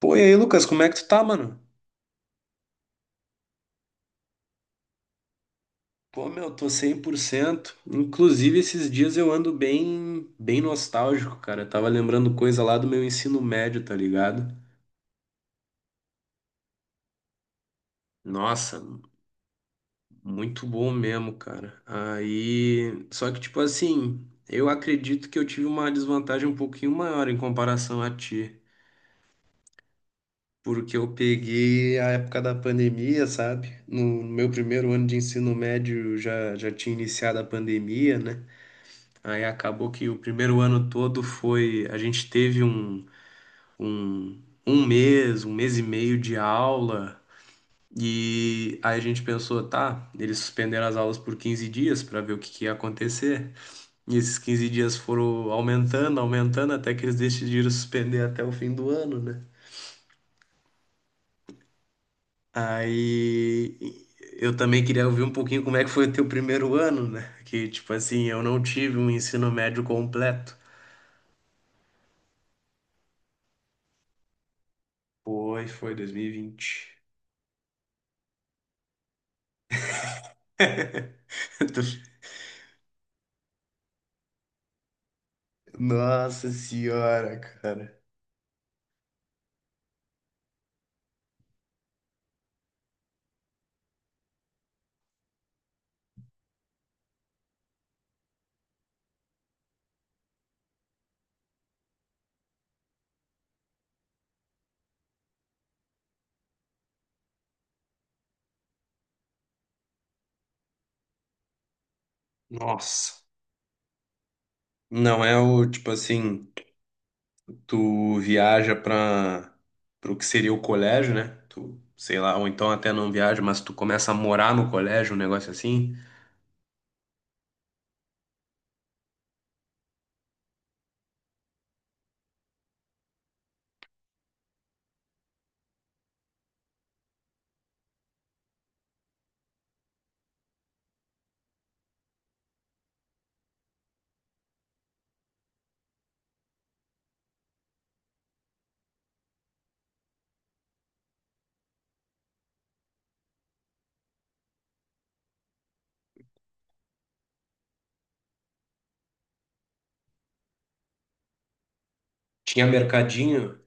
Pô, e aí, Lucas, como é que tu tá, mano? Pô, meu, tô 100%. Inclusive, esses dias eu ando bem, bem nostálgico, cara. Eu tava lembrando coisa lá do meu ensino médio, tá ligado? Nossa, muito bom mesmo, cara. Aí, só que tipo assim, eu acredito que eu tive uma desvantagem um pouquinho maior em comparação a ti, porque eu peguei a época da pandemia, sabe? No meu primeiro ano de ensino médio já tinha iniciado a pandemia, né? Aí acabou que o primeiro ano todo foi. A gente teve um mês e meio de aula. E aí a gente pensou, tá, eles suspenderam as aulas por 15 dias para ver que ia acontecer. E esses 15 dias foram aumentando, aumentando, até que eles decidiram suspender até o fim do ano, né? Aí eu também queria ouvir um pouquinho como é que foi o teu primeiro ano, né? Que, tipo assim, eu não tive um ensino médio completo. Foi 2020. Nossa senhora, cara. Nossa. Não, é o tipo assim, tu viaja para o que seria o colégio, né? Tu, sei lá, ou então até não viaja, mas tu começa a morar no colégio, um negócio assim. Tinha mercadinho.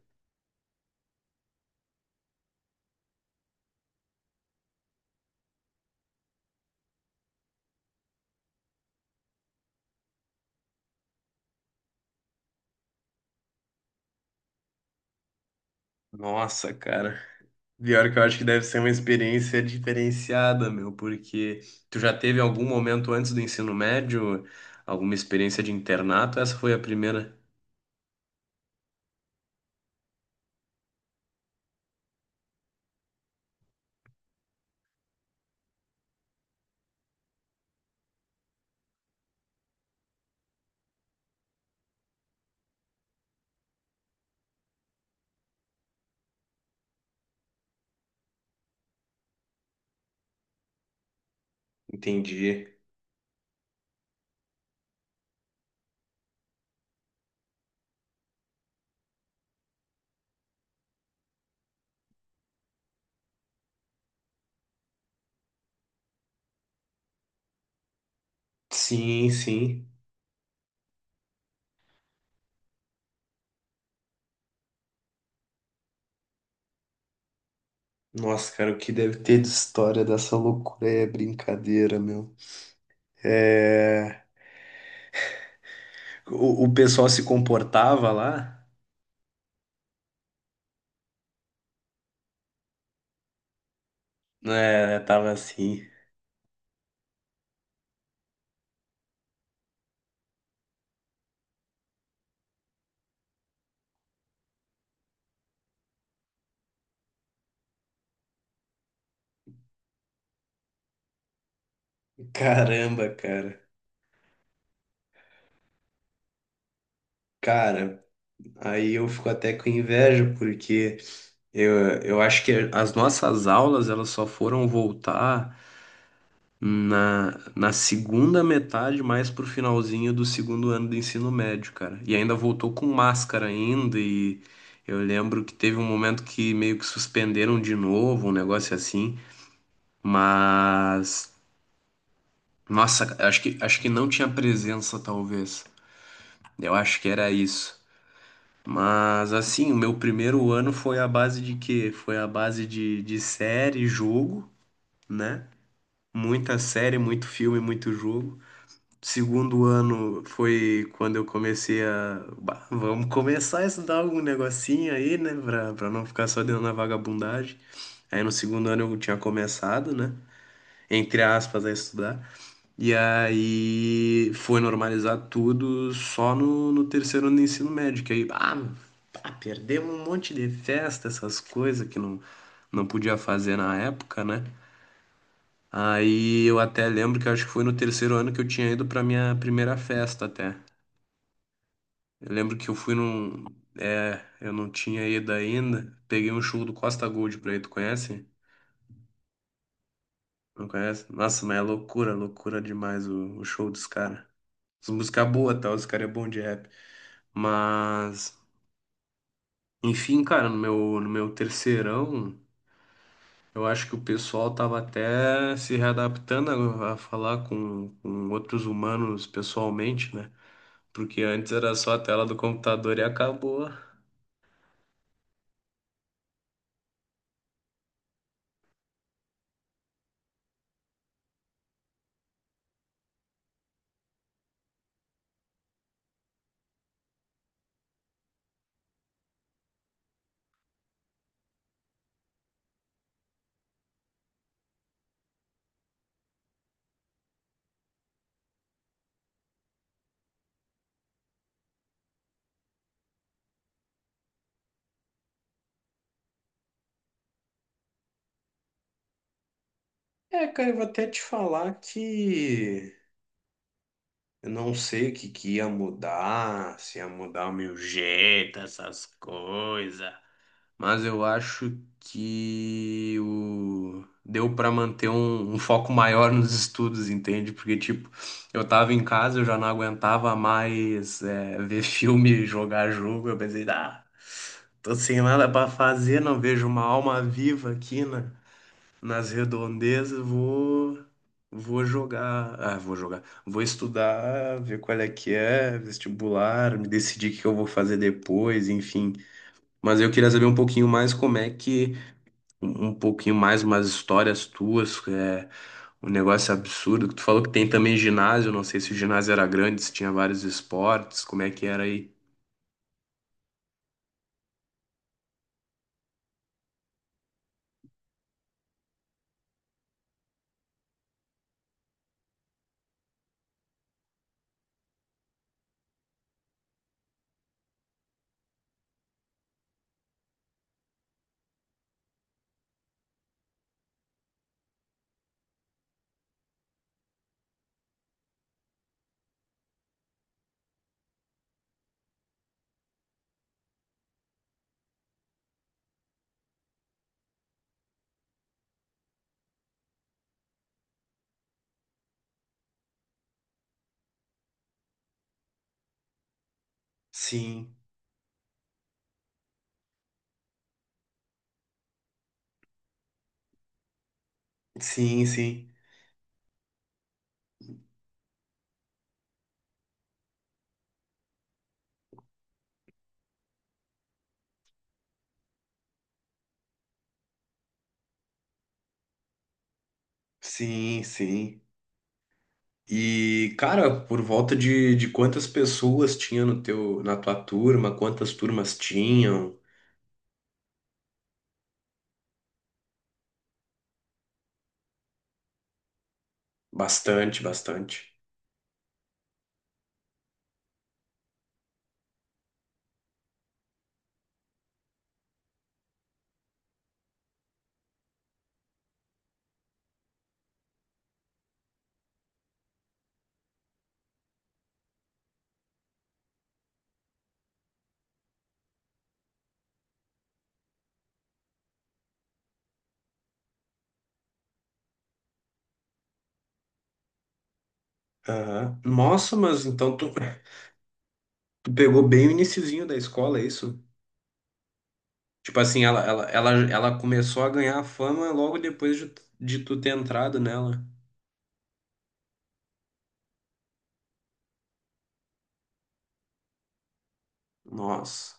Nossa, cara. Pior que eu acho que deve ser uma experiência diferenciada, meu, porque tu já teve algum momento antes do ensino médio, alguma experiência de internato? Essa foi a primeira. Entendi. Sim, sim. Nossa, cara, o que deve ter de história dessa loucura aí é brincadeira, meu. É... O pessoal se comportava lá, né? Tava assim. Caramba, cara. Cara, aí eu fico até com inveja, porque eu acho que as nossas aulas, elas só foram voltar na segunda metade, mais pro finalzinho do segundo ano do ensino médio, cara. E ainda voltou com máscara ainda e eu lembro que teve um momento que meio que suspenderam de novo, um negócio assim, mas nossa, acho que não tinha presença talvez. Eu acho que era isso. Mas assim, o meu primeiro ano foi a base de quê? Foi a base de série, jogo, né? Muita série, muito filme, muito jogo. Segundo ano foi quando eu comecei a. "Bah, vamos começar a estudar algum negocinho aí, né? Pra não ficar só dentro na vagabundagem. Aí no segundo ano eu tinha começado, né? Entre aspas, a estudar. E aí foi normalizar tudo só no terceiro ano do ensino médio. Que aí, ah, pá, perdemos um monte de festa, essas coisas que não podia fazer na época, né? Aí eu até lembro que acho que foi no terceiro ano que eu tinha ido pra minha primeira festa até. Eu lembro que eu fui num. É, eu não tinha ido ainda. Peguei um show do Costa Gold pra ir. Tu conhece? Não conhece? Nossa, mas é loucura, loucura demais o show dos caras. As músicas boas, tal. Os caras é bom de rap. Mas, enfim, cara, no meu terceirão, eu acho que o pessoal tava até se readaptando a falar com outros humanos pessoalmente, né? Porque antes era só a tela do computador e acabou. É, cara, eu vou até te falar que. Eu não sei o que que ia mudar, se ia mudar o meu jeito, essas coisas. Mas eu acho que o... deu pra manter um foco maior nos estudos, entende? Porque, tipo, eu tava em casa, eu já não aguentava mais é, ver filme, jogar jogo. Eu pensei, ah, tô sem nada pra fazer, não vejo uma alma viva aqui, né? Nas redondezas, vou jogar, ah, vou jogar, vou estudar, ver qual é que é, vestibular, me decidir o que eu vou fazer depois, enfim. Mas eu queria saber um pouquinho mais como é que um pouquinho mais umas histórias tuas, é um negócio absurdo que tu falou que tem também ginásio, não sei se o ginásio era grande, se tinha vários esportes, como é que era aí? Sim, sim, sim. Sim, sim. E, cara, por volta de quantas pessoas tinha no teu, na tua turma, quantas turmas tinham? Bastante, bastante. Aham. Nossa, mas então tu pegou bem o iniciozinho da escola, é isso? Tipo assim, ela começou a ganhar fama logo depois de tu ter entrado nela. Nossa.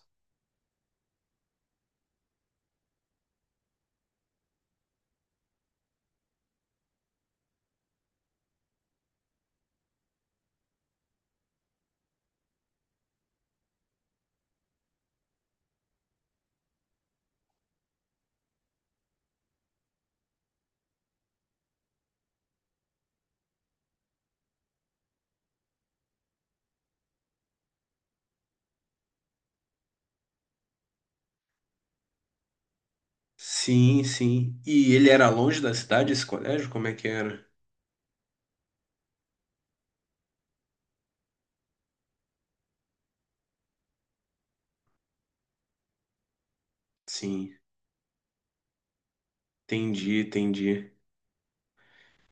Sim, sim. E ele era longe da cidade, esse colégio? Como é que era? Sim, entendi, entendi.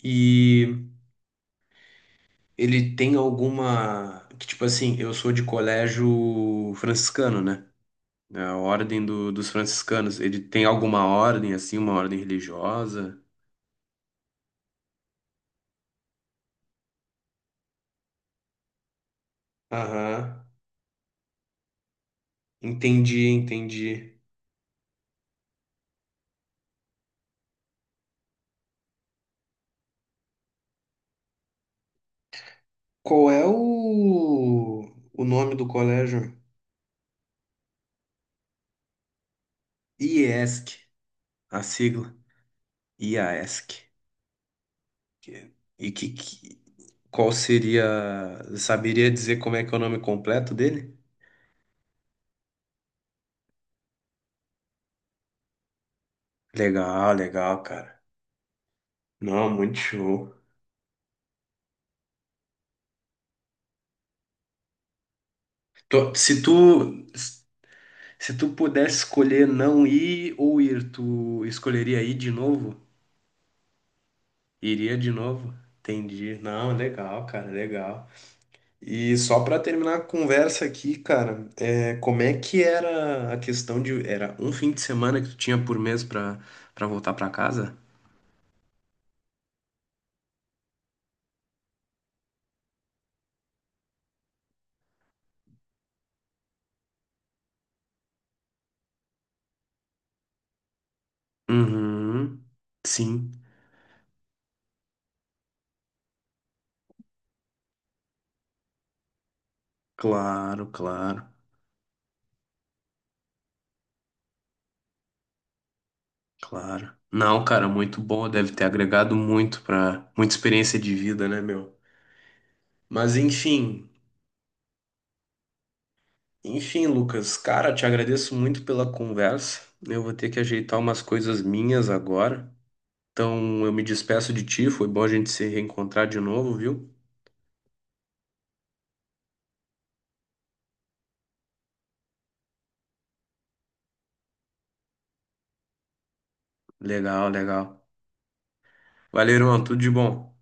E ele tem alguma. Que, tipo assim, eu sou de colégio franciscano, né? É a ordem do- dos franciscanos. Ele tem alguma ordem, assim, uma ordem religiosa? Aham. Entendi, entendi. Qual é o nome do colégio? IESC, a sigla. IASC. Que- E que, que- qual seria. Saberia dizer como é que é o nome completo dele? Legal, legal, cara. Não, muito show. Tu- Se tu, se tu pudesse escolher não ir ou ir, tu escolheria ir de novo? Iria de novo? Entendi. Não, legal, cara, legal. E só pra terminar a conversa aqui, cara, é, como é que era a questão de... Era um fim de semana que tu tinha por mês pra, pra voltar pra casa? Uhum. Sim, claro, claro, claro. Não, cara, muito bom. Deve ter agregado muito pra... Muita experiência de vida, né, meu? Mas enfim... Enfim, Lucas, cara, te agradeço muito pela conversa. Eu vou ter que ajeitar umas coisas minhas agora. Então, eu me despeço de ti. Foi bom a gente se reencontrar de novo, viu? Legal, legal. Valeu, irmão. Tudo de bom.